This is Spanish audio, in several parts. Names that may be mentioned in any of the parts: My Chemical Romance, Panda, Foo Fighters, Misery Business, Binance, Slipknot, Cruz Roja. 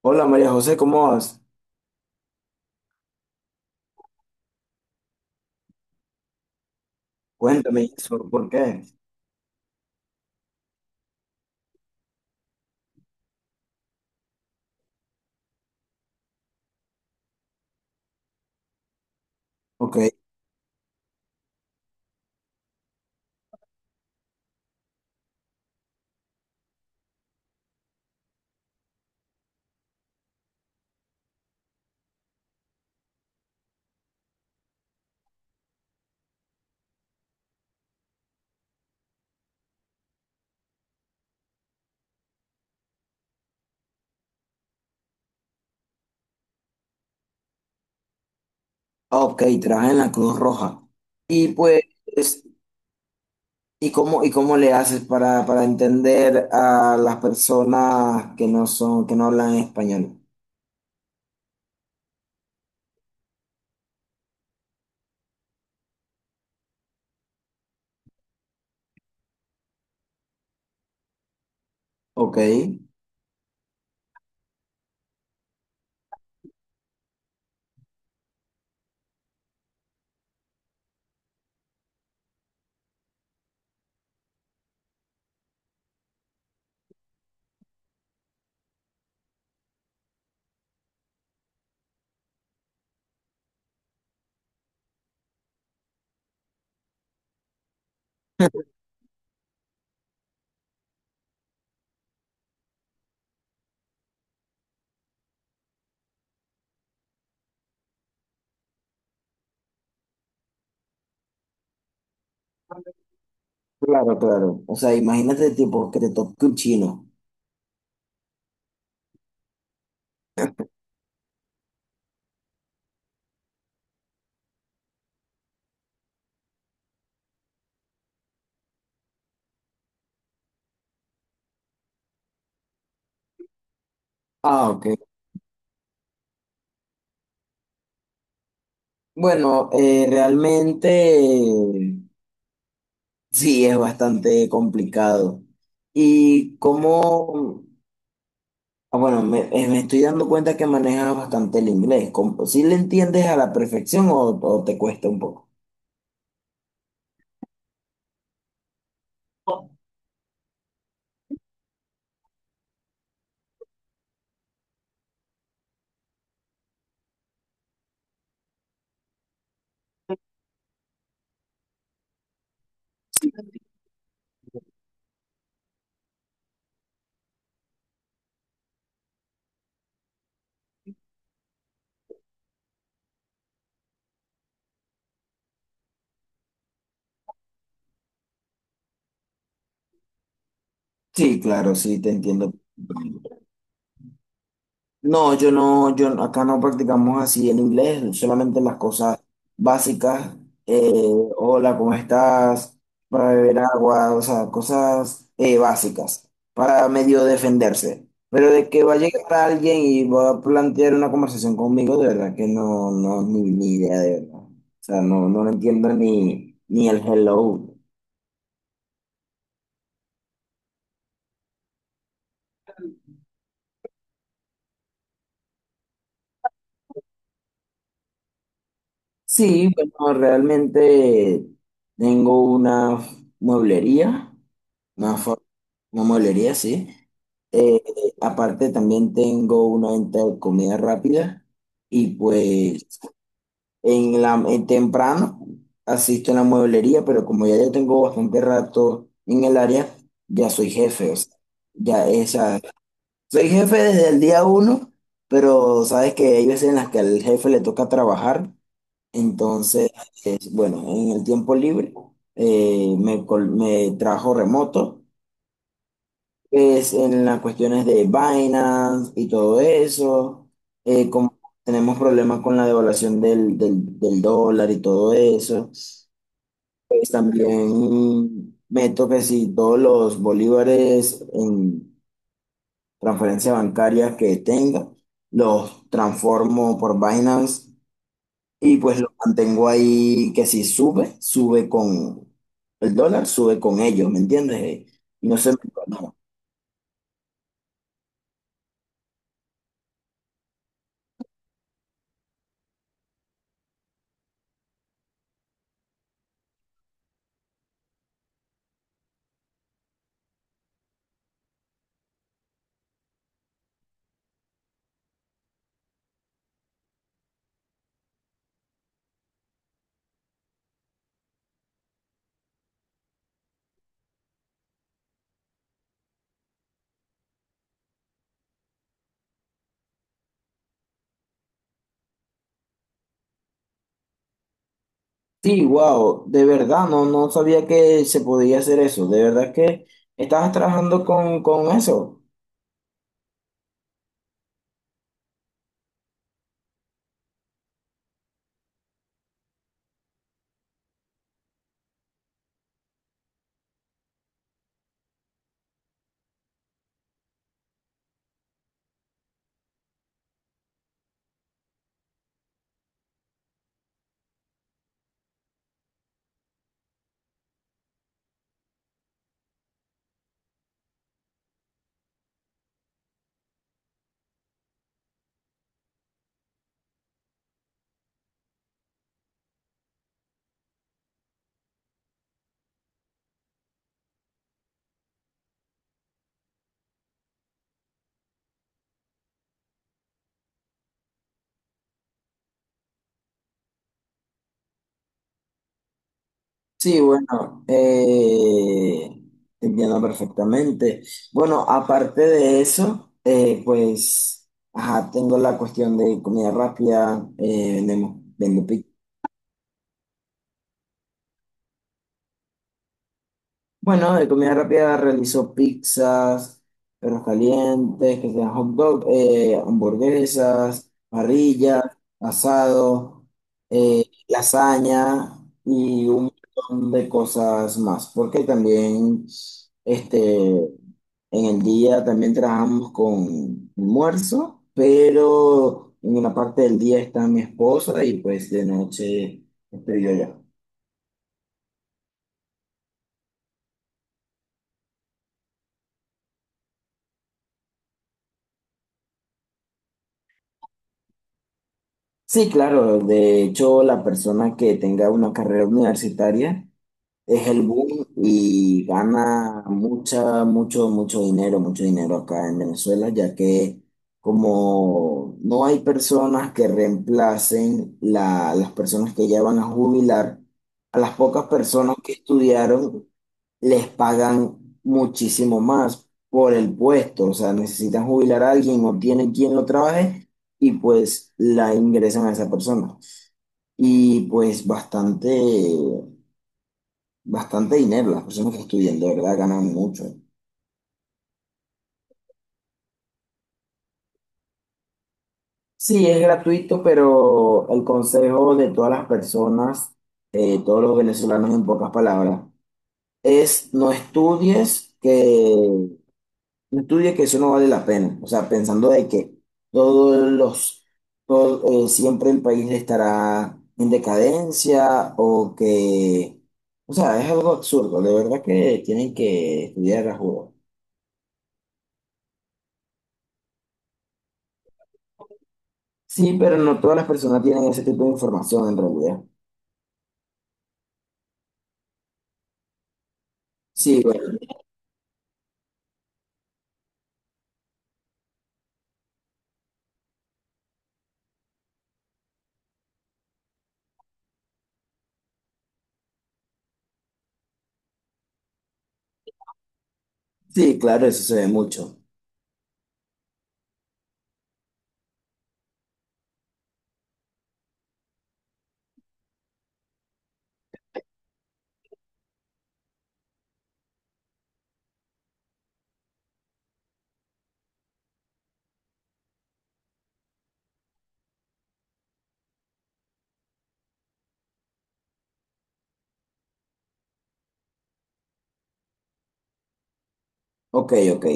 Hola María José, ¿cómo vas? Cuéntame eso, ¿por qué? Ok, ah, ok, trabajas en la Cruz Roja. Y pues, y cómo le haces para entender a las personas que no son, que no hablan español? Ok, claro, claro. O sea, imagínate tipo que te toque un chino. Ah, ok. Bueno, realmente eh, sí es bastante complicado. ¿Y cómo? Ah, bueno, me, me estoy dando cuenta que manejas bastante el inglés. ¿Cómo? ¿Sí le entiendes a la perfección o te cuesta un poco? Sí, claro, sí te entiendo. No, yo no, acá no practicamos así el inglés, solamente las cosas básicas, eh, hola, ¿cómo estás? Para beber agua, o sea, cosas básicas, para medio defenderse. Pero de que va a llegar alguien y va a plantear una conversación conmigo, de verdad que no, no, ni, ni idea de verdad. O sea, no, no lo entiendo ni, ni el hello. Sí, bueno, realmente tengo una mueblería. Una una mueblería, sí. Eh, Aparte también tengo una venta de comida rápida y pues en la en temprano asisto a la mueblería, pero como ya yo tengo bastante rato en el área, ya soy jefe, o sea, ya esa, soy jefe desde el día uno, pero sabes que hay veces en las que al jefe le toca trabajar, entonces, bueno, en el tiempo libre me, me trabajo remoto es en las cuestiones de Binance y todo eso, como tenemos problemas con la devaluación del dólar y todo eso, pues también meto que si todos los bolívares en transferencia bancaria que tenga, los transformo por Binance y pues los mantengo ahí que si sube, sube con el dólar, sube con ellos, ¿me entiendes? Y no se me... Sí, wow, de verdad, no, no sabía que se podía hacer eso, de verdad que estabas trabajando con eso. Sí, bueno, te entiendo perfectamente. Bueno, aparte de eso, pues, ajá, tengo la cuestión de comida rápida, vendemos, vendo. Bueno, de comida rápida realizó pizzas, perros calientes, que sean hot dog, hamburguesas, parrillas, asado, lasaña y un montón de cosas más. Porque también este, en el día también trabajamos con almuerzo, pero en una parte del día está mi esposa y pues de noche estoy yo ya. Sí, claro. De hecho, la persona que tenga una carrera universitaria es el boom y gana mucha, mucho, mucho dinero acá en Venezuela, ya que como no hay personas que reemplacen las personas que ya van a jubilar, a las pocas personas que estudiaron les pagan muchísimo más por el puesto, o sea, necesitan jubilar a alguien, no tienen quien lo trabaje y pues la ingresan a esa persona. Y pues bastante, bastante dinero. Las personas que estudian, de verdad, ganan mucho. Sí, es gratuito, pero el consejo de todas las personas, todos los venezolanos en pocas palabras, es no estudies que, no estudies que eso no vale la pena. O sea, pensando de que todos los, todo, siempre el país estará en decadencia o que, o sea, es algo absurdo. De verdad que tienen que estudiar a juro. Sí, pero no todas las personas tienen ese tipo de información en realidad. Sí, bueno, sí, claro, eso se ve mucho. Ok, ok.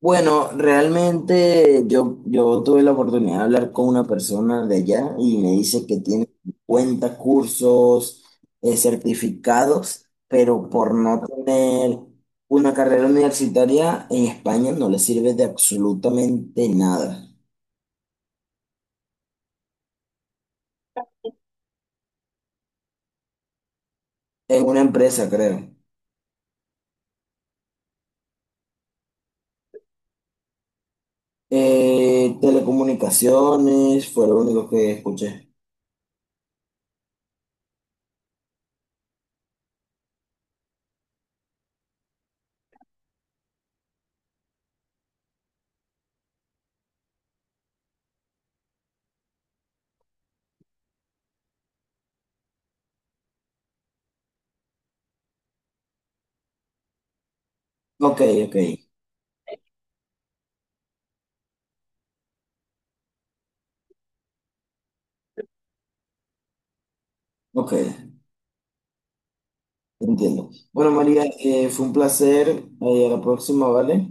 Bueno, realmente yo, yo tuve la oportunidad de hablar con una persona de allá y me dice que tiene 50 cursos certificados, pero por no tener una carrera universitaria en España no le sirve de absolutamente nada. En una empresa, creo. Telecomunicaciones fue lo único que escuché. Ok, ok, ok, entiendo. Bueno, María, fue un placer. A la próxima, ¿vale?